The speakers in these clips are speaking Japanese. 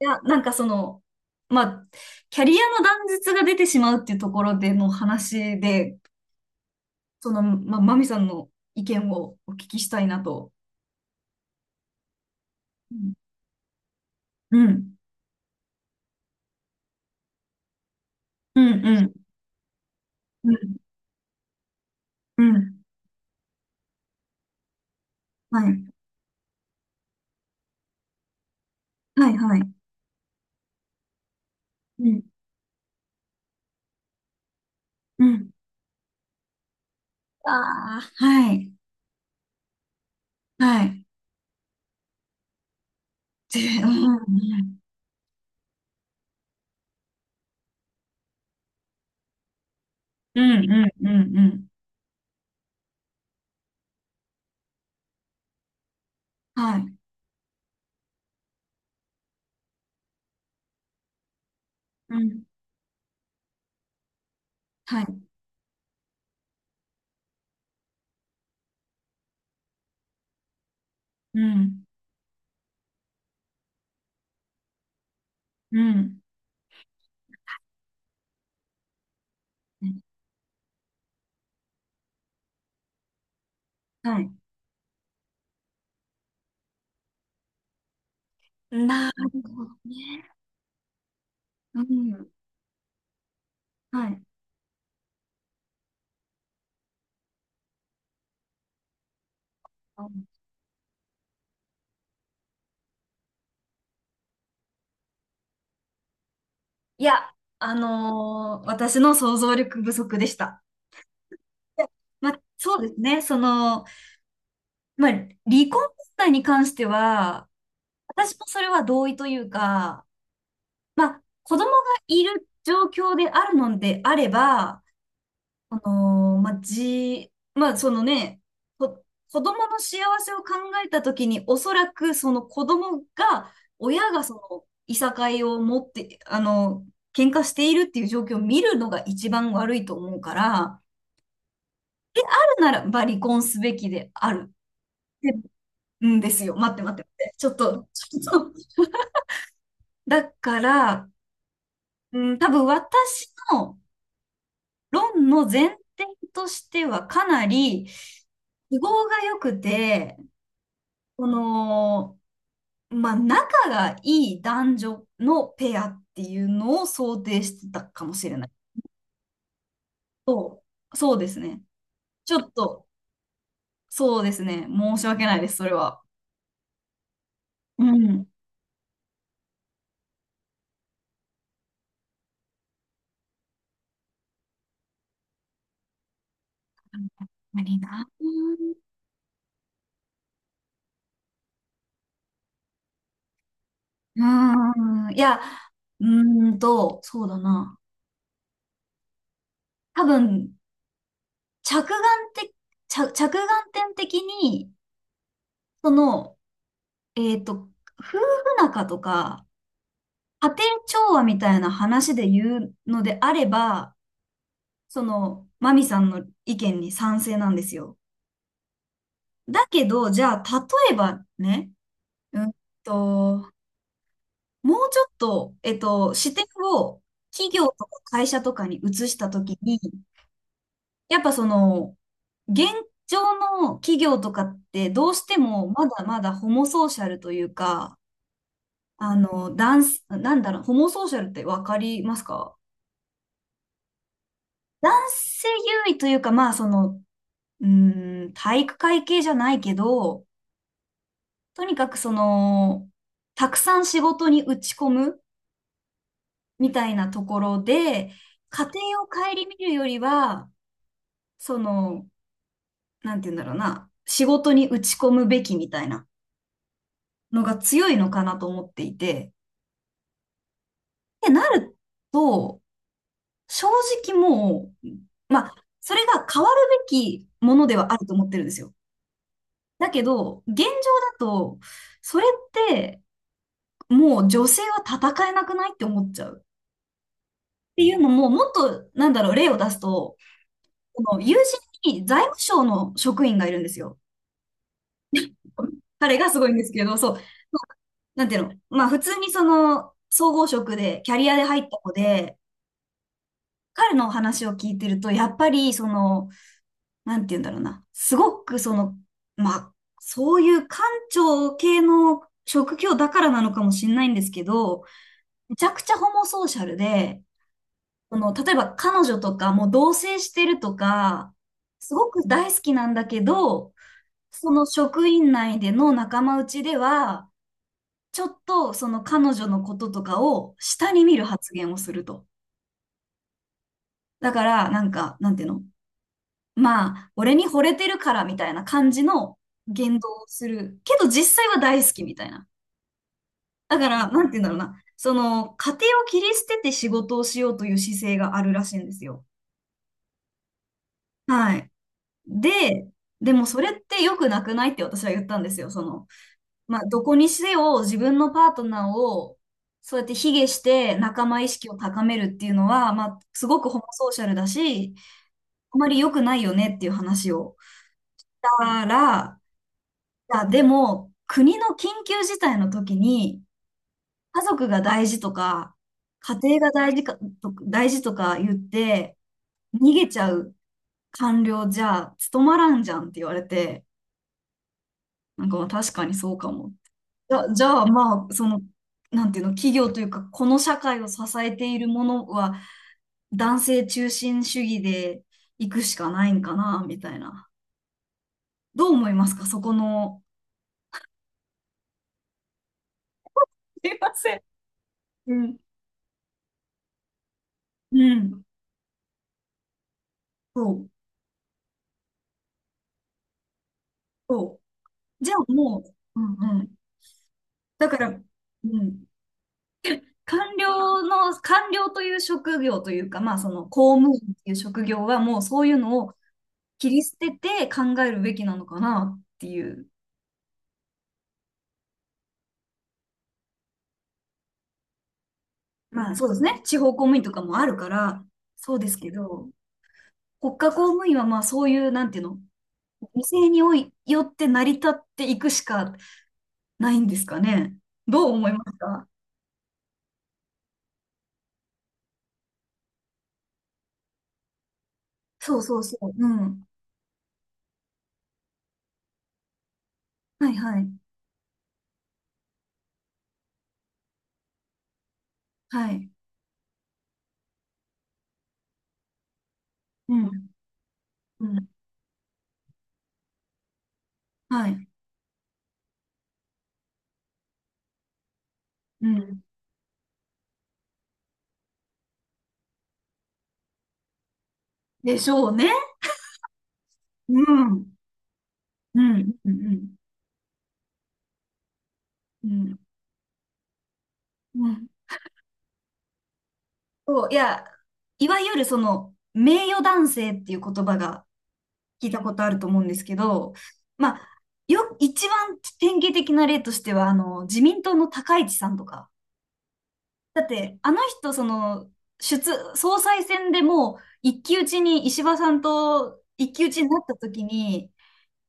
いや、なんかその、まあ、キャリアの断絶が出てしまうっていうところでの話で、その、まあ、マミさんの意見をお聞きしたいなと。うん。うん。うんうん。うん。うん。はい。はい。はい。うん。うん。ああ、はい。はい。で、うん。うん。うん。うん。うんはい。うん。はい。うん。うん。はい。なるほどね。うん。はい。いや、私の想像力不足でした。いやまあ、そうですね。その、まあ、離婚問題に関しては、私もそれは同意というか、まあ、子供がいる状況であるのであれば、あのまあ、まあ、そのね、こ子供の幸せを考えたときに、おそらくその子供が、親がその、いさかいを持って、あの、喧嘩しているっていう状況を見るのが一番悪いと思うから、あるならば離婚すべきである。でうんですよ。待って待って待って。ちょっと、ちょっと。だから、うん、多分私の論の前提としてはかなり、都合が良くて、この、まあ、仲がいい男女のペアっていうのを想定してたかもしれない。そそうですね。ちょっと、そうですね。申し訳ないです、それは。うん。うーん。いや、うそうだな。多分、着眼的、着眼点的に、その、えっと、夫婦仲とか、家庭調和みたいな話で言うのであれば、その、マミさんの意見に賛成なんですよ。だけど、じゃあ、例えばね、うんと、もうちょっと、視点を企業とか会社とかに移したときに、やっぱその、現状の企業とかってどうしてもまだまだホモソーシャルというか、あの、男性、なんだろう、ホモソーシャルってわかりますか？男性優位というか、まあその、うーん、体育会系じゃないけど、とにかくその、たくさん仕事に打ち込むみたいなところで、家庭を顧みるよりは、その、なんて言うんだろうな、仕事に打ち込むべきみたいなのが強いのかなと思っていて、ってなると、正直もう、まあ、それが変わるべきものではあると思ってるんですよ。だけど、現状だと、それって、もう女性は戦えなくないって思っちゃう。っていうのも、もっと、なんだろう、例を出すと、この友人に財務省の職員がいるんですよ。彼がすごいんですけど、そう。なんていうの、まあ普通にその総合職でキャリアで入った子で、彼の話を聞いてると、やっぱりその、なんていうんだろうな、すごくその、まあ、そういう官庁系の職業だからなのかもしれないんですけど、めちゃくちゃホモソーシャルで、その、例えば彼女とかもう同棲してるとか、すごく大好きなんだけど、その職員内での仲間内では、ちょっとその彼女のこととかを下に見る発言をすると。だから、なんか、なんていうの、まあ、俺に惚れてるからみたいな感じの言動をする。けど実際は大好きみたいな。だから、なんていうんだろうな。その、家庭を切り捨てて仕事をしようという姿勢があるらしいんですよ。はい。で、でもそれって良くなくないって私は言ったんですよ。その、まあ、どこにせよ自分のパートナーをそうやって卑下して仲間意識を高めるっていうのは、まあ、すごくホモソーシャルだし、あまり良くないよねっていう話を。したら、いや、でも、国の緊急事態の時に、家族が大事とか、家庭が大事とか言って、逃げちゃう官僚じゃ務まらんじゃんって言われて、なんかまあ確かにそうかも。じゃあまあ、その、なんていうの、企業というか、この社会を支えているものは、男性中心主義で行くしかないんかな、みたいな。どう思いますか、そこの。すいません。うん。うん。そう、そう。じゃあもう、うんうん。だから、うん。官僚という職業というか、まあその公務員という職業はもうそういうのを切り捨てて考えるべきなのかなっていう。まあそうですね。地方公務員とかもあるから、そうですけど、国家公務員はまあそういう、なんていうの、犠牲においよって成り立っていくしかないんですかね。どう思いますか？そうそうそう。うん。はいはい。はい。うん。うん。はい。うん。でしょうね。うん。うん。うん。うん。うん。そう、いや、いわゆるその、名誉男性っていう言葉が、聞いたことあると思うんですけど、まあ、一番典型的な例としては、あの、自民党の高市さんとか。だって、あの人、その、出、総裁選でもう、一騎打ちに、石破さんと一騎打ちになった時に、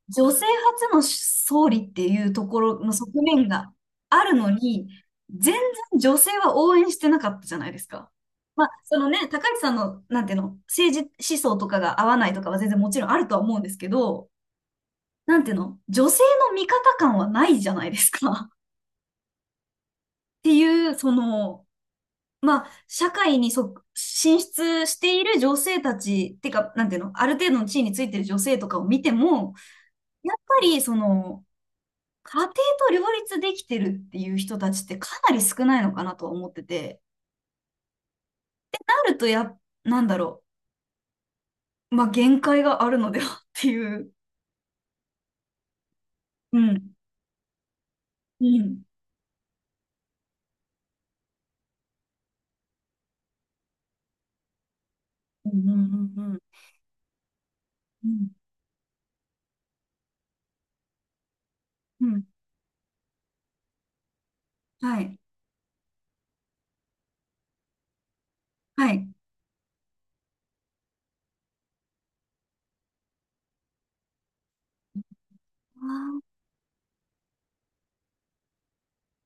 女性初の総理っていうところの側面があるのに、全然女性は応援してなかったじゃないですか。まあ、そのね、高市さんの、なんていうの、政治思想とかが合わないとかは全然もちろんあるとは思うんですけど、なんていうの、女性の味方感はないじゃないですか。っていう、その、まあ、社会に進出している女性たち、ってか、なんていうの、ある程度の地位についてる女性とかを見ても、やっぱり、その、家庭と両立できてるっていう人たちってかなり少ないのかなとは思ってて、なるとや、なんだろう、まあ、限界があるのではっていう。うん。うん。うんうんうんうん。うん。うんうんはい。はい。あー、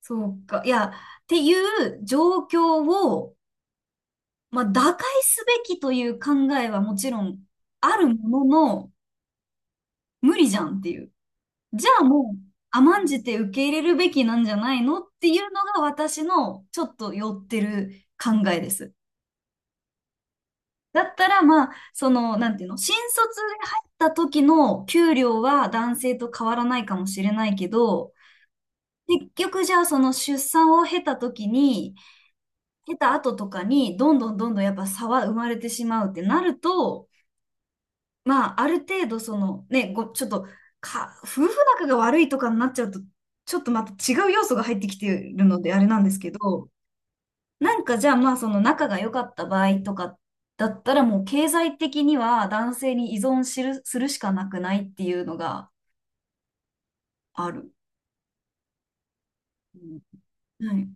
そうか。いや、っていう状況を、まあ、打開すべきという考えはもちろんあるものの、無理じゃんっていう。じゃあもう、甘んじて受け入れるべきなんじゃないのっていうのが私のちょっと寄ってる考えです。だったら、まあ、その、なんていうの、新卒で入った時の給料は男性と変わらないかもしれないけど、結局じゃあその出産を経た時に、経た後とかに、どんどんどんどんやっぱ差は生まれてしまうってなると、まあ、ある程度その、ね、ちょっと、夫婦仲が悪いとかになっちゃうと、ちょっとまた違う要素が入ってきてるのであれなんですけど、なんかじゃあまあその仲が良かった場合とかだったらもう経済的には男性に依存する、するしかなくないっていうのがある。うんはい。